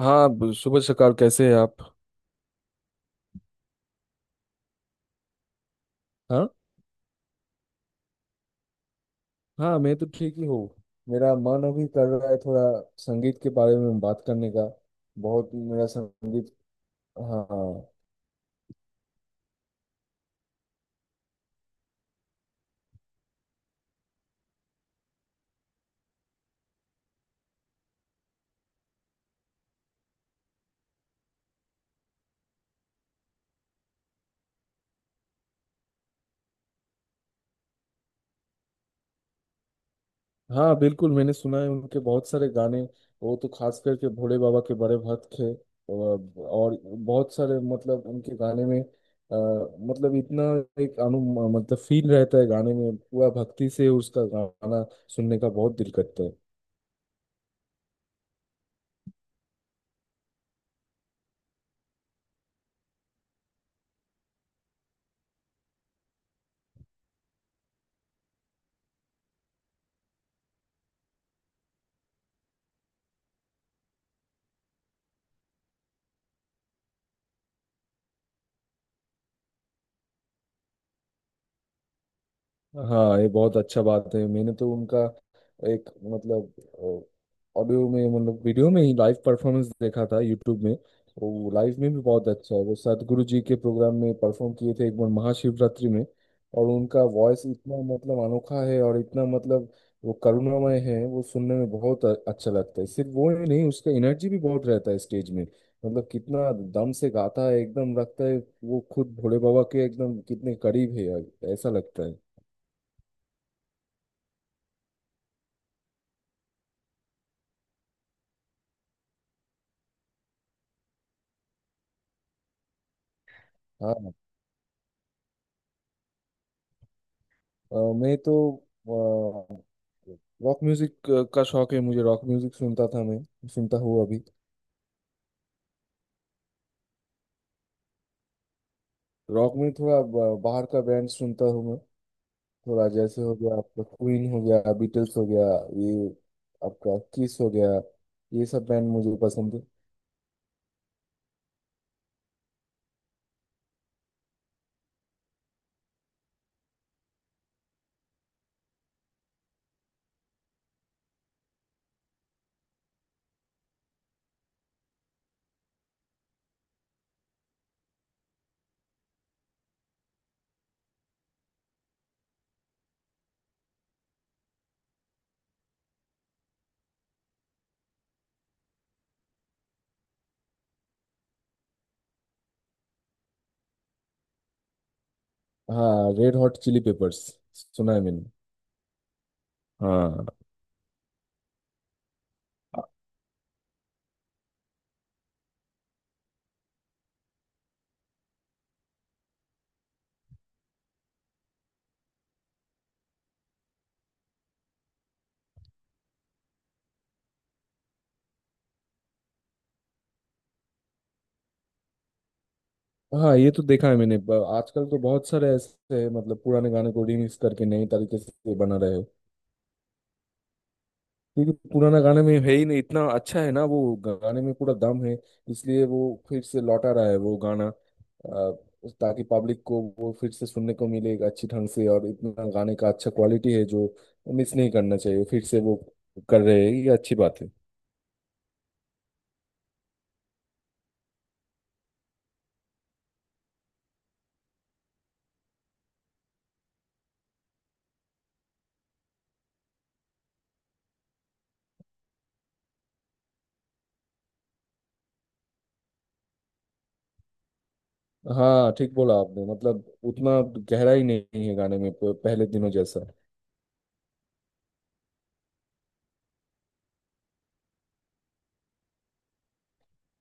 हाँ। शुभ सकार, कैसे हैं आप? हाँ। हाँ, मैं तो ठीक ही हूँ। मेरा मन अभी कर रहा है थोड़ा संगीत के बारे में बात करने का। बहुत मेरा संगीत। हाँ। हाँ, बिल्कुल, मैंने सुना है उनके बहुत सारे गाने। वो तो खास करके भोले बाबा के बड़े भक्त थे। और बहुत सारे मतलब उनके गाने में मतलब इतना एक अनु मतलब फील रहता है गाने में, पूरा भक्ति से उसका गाना सुनने का बहुत दिल करता है। हाँ, ये बहुत अच्छा बात है। मैंने तो उनका एक मतलब ऑडियो में मतलब वीडियो में ही लाइव परफॉर्मेंस देखा था यूट्यूब में। वो लाइव में भी बहुत अच्छा है। वो सदगुरु जी के प्रोग्राम में परफॉर्म किए थे एक बार महाशिवरात्रि में। और उनका वॉइस इतना मतलब अनोखा है, और इतना मतलब वो करुणामय है, वो सुनने में बहुत अच्छा लगता है। सिर्फ वो ही नहीं, उसका एनर्जी भी बहुत रहता है स्टेज में। मतलब कितना दम से गाता है, एकदम लगता है वो खुद भोले बाबा के एकदम कितने करीब है, ऐसा लगता है। हाँ। अ, मैं तो रॉक म्यूजिक का शौक है मुझे। रॉक म्यूजिक सुनता था मैं, सुनता हूँ अभी। रॉक में थोड़ा बाहर का बैंड सुनता हूँ मैं। थोड़ा जैसे हो गया आपका क्वीन, हो गया बीटल्स, हो गया ये, आपका किस हो गया, ये सब बैंड मुझे पसंद है। हाँ, रेड हॉट चिली पेपर्स सुना है मैंने। हाँ। हाँ, ये तो देखा है मैंने। आजकल तो बहुत सारे ऐसे हैं, मतलब पुराने गाने को रिमिक्स करके नई तरीके से बना रहे हैं। क्योंकि पुराना गाने में है ही नहीं, इतना अच्छा है ना वो। गाने में पूरा दम है, इसलिए वो फिर से लौटा रहा है वो गाना, ताकि पब्लिक को वो फिर से सुनने को मिले अच्छी ढंग से। और इतना गाने का अच्छा क्वालिटी है जो मिस नहीं करना चाहिए फिर से। वो कर रहे हैं, ये अच्छी बात है। हाँ, ठीक बोला आपने, मतलब उतना गहराई नहीं है गाने में पहले दिनों जैसा।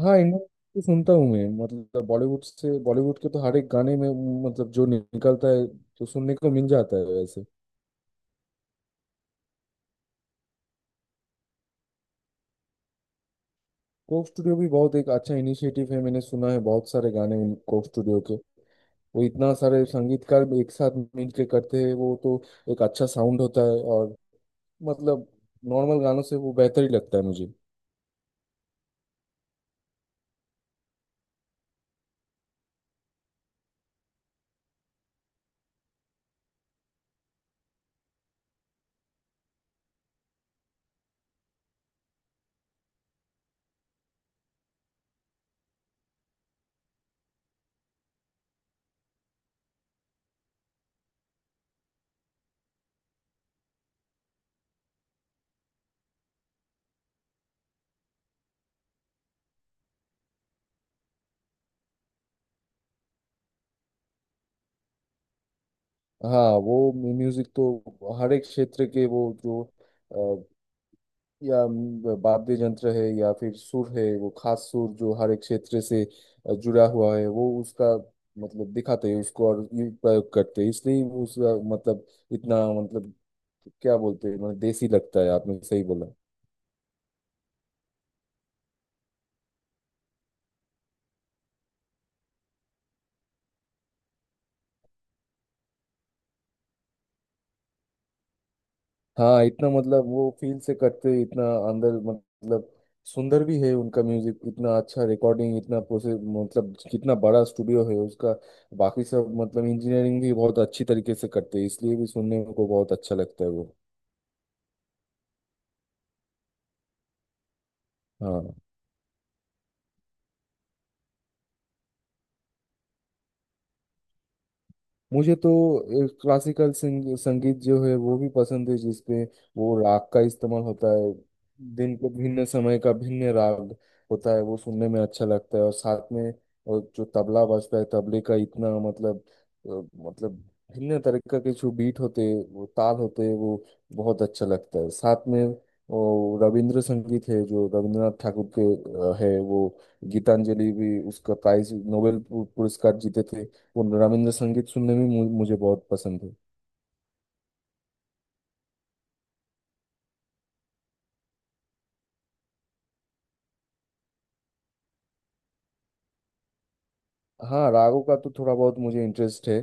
हाँ, इंडियन भी सुनता हूँ मैं, मतलब बॉलीवुड से। बॉलीवुड के तो हर एक गाने में मतलब जो निकलता है तो सुनने को मिल जाता है वैसे। कोक स्टूडियो भी बहुत एक अच्छा इनिशिएटिव है। मैंने सुना है बहुत सारे गाने उन कोक स्टूडियो के। वो इतना सारे संगीतकार भी एक साथ मिलके करते हैं। वो तो एक अच्छा साउंड होता है, और मतलब नॉर्मल गानों से वो बेहतर ही लगता है मुझे। हाँ, वो म्यूजिक तो हर एक क्षेत्र के वो जो या वाद्य यंत्र है या फिर सुर है, वो खास सुर जो हर एक क्षेत्र से जुड़ा हुआ है, वो उसका मतलब दिखाते हैं उसको और ये प्रयोग करते हैं। इसलिए वो उसका मतलब इतना मतलब क्या बोलते हैं, मतलब देसी लगता है। आपने सही बोला। हाँ, इतना मतलब वो फील से करते हैं, इतना अंदर मतलब सुंदर भी है उनका म्यूजिक, इतना अच्छा रिकॉर्डिंग, इतना प्रोसेस, मतलब कितना बड़ा स्टूडियो है उसका, बाकी सब मतलब इंजीनियरिंग भी बहुत अच्छी तरीके से करते हैं। इसलिए भी सुनने को बहुत अच्छा लगता है वो। हाँ। मुझे तो क्लासिकल संगीत जो है वो भी पसंद है, जिसपे वो राग का इस्तेमाल होता है, दिन के भिन्न समय का भिन्न राग होता है, वो सुनने में अच्छा लगता है। और साथ में और जो तबला बजता है, तबले का इतना मतलब अ, मतलब भिन्न तरीके के जो बीट होते हैं, वो ताल होते हैं, वो बहुत अच्छा लगता है साथ में। वो रविंद्र संगीत है जो रविंद्रनाथ ठाकुर के है। वो गीतांजलि भी उसका प्राइज नोबेल पुरस्कार जीते थे। वो रविंद्र संगीत सुनने में मुझे बहुत पसंद है। हाँ, रागों का तो थोड़ा बहुत मुझे इंटरेस्ट है।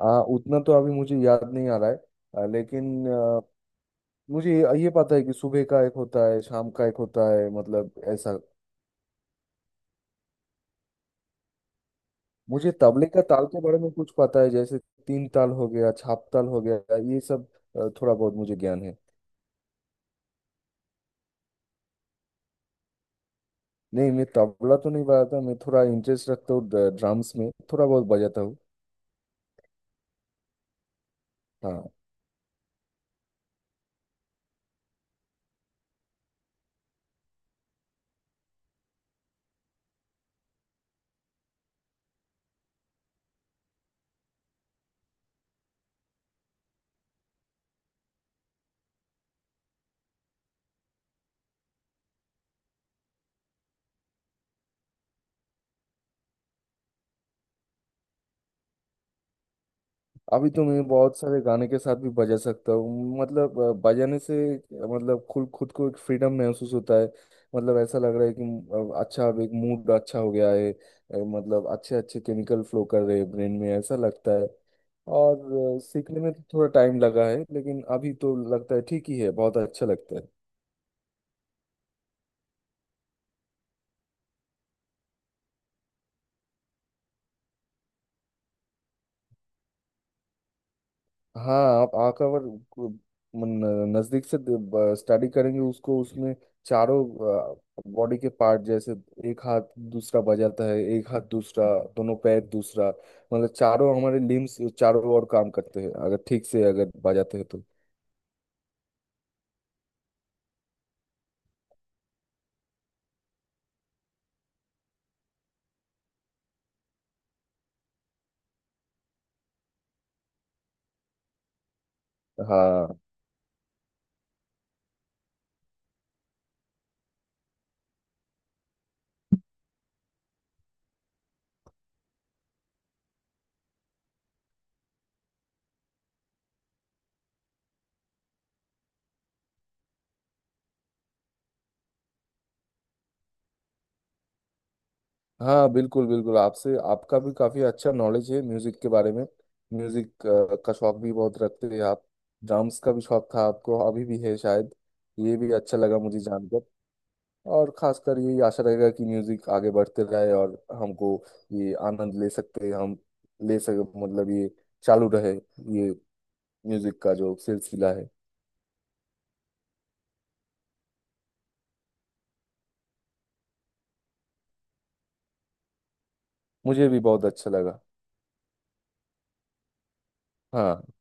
उतना तो अभी मुझे याद नहीं आ रहा है, लेकिन मुझे ये पता है कि सुबह का एक होता है, शाम का एक होता है, मतलब ऐसा। मुझे तबले का ताल के बारे में कुछ पता है, जैसे तीन ताल हो गया, छाप ताल हो गया, ये सब थोड़ा बहुत मुझे ज्ञान है। नहीं, मैं तबला तो नहीं बजाता, मैं थोड़ा इंटरेस्ट रखता हूँ ड्रम्स में, थोड़ा बहुत बजाता हूँ। हाँ, अभी तो मैं बहुत सारे गाने के साथ भी बजा सकता हूँ। मतलब बजाने से मतलब खुद खुद को एक फ्रीडम महसूस होता है। मतलब ऐसा लग रहा है कि अच्छा, अब एक मूड अच्छा हो गया है, मतलब अच्छे अच्छे केमिकल फ्लो कर रहे हैं ब्रेन में, ऐसा लगता है। और सीखने में तो थोड़ा टाइम लगा है, लेकिन अभी तो लगता है ठीक ही है, बहुत अच्छा लगता है। हाँ, आप आंख और को- मन- नजदीक से स्टडी करेंगे उसको, उसमें चारों बॉडी के पार्ट, जैसे एक हाथ दूसरा बजाता है, एक हाथ दूसरा, दोनों पैर दूसरा, मतलब चारों हमारे लिम्स चारों ओर काम करते हैं, अगर ठीक से अगर बजाते हैं तो। हाँ। हाँ, बिल्कुल बिल्कुल, आपसे आपका भी काफी अच्छा नॉलेज है म्यूजिक के बारे में। म्यूजिक का शौक भी बहुत रखते हैं आप। ड्राम्स का भी शौक था आपको, अभी भी है शायद, ये भी अच्छा लगा मुझे जानकर। और खासकर यही आशा रहेगा कि म्यूजिक आगे बढ़ते रहे, और हमको ये आनंद ले सकते हम, ले सके, मतलब ये चालू रहे, ये म्यूजिक का जो सिलसिला है। मुझे भी बहुत अच्छा लगा। हाँ।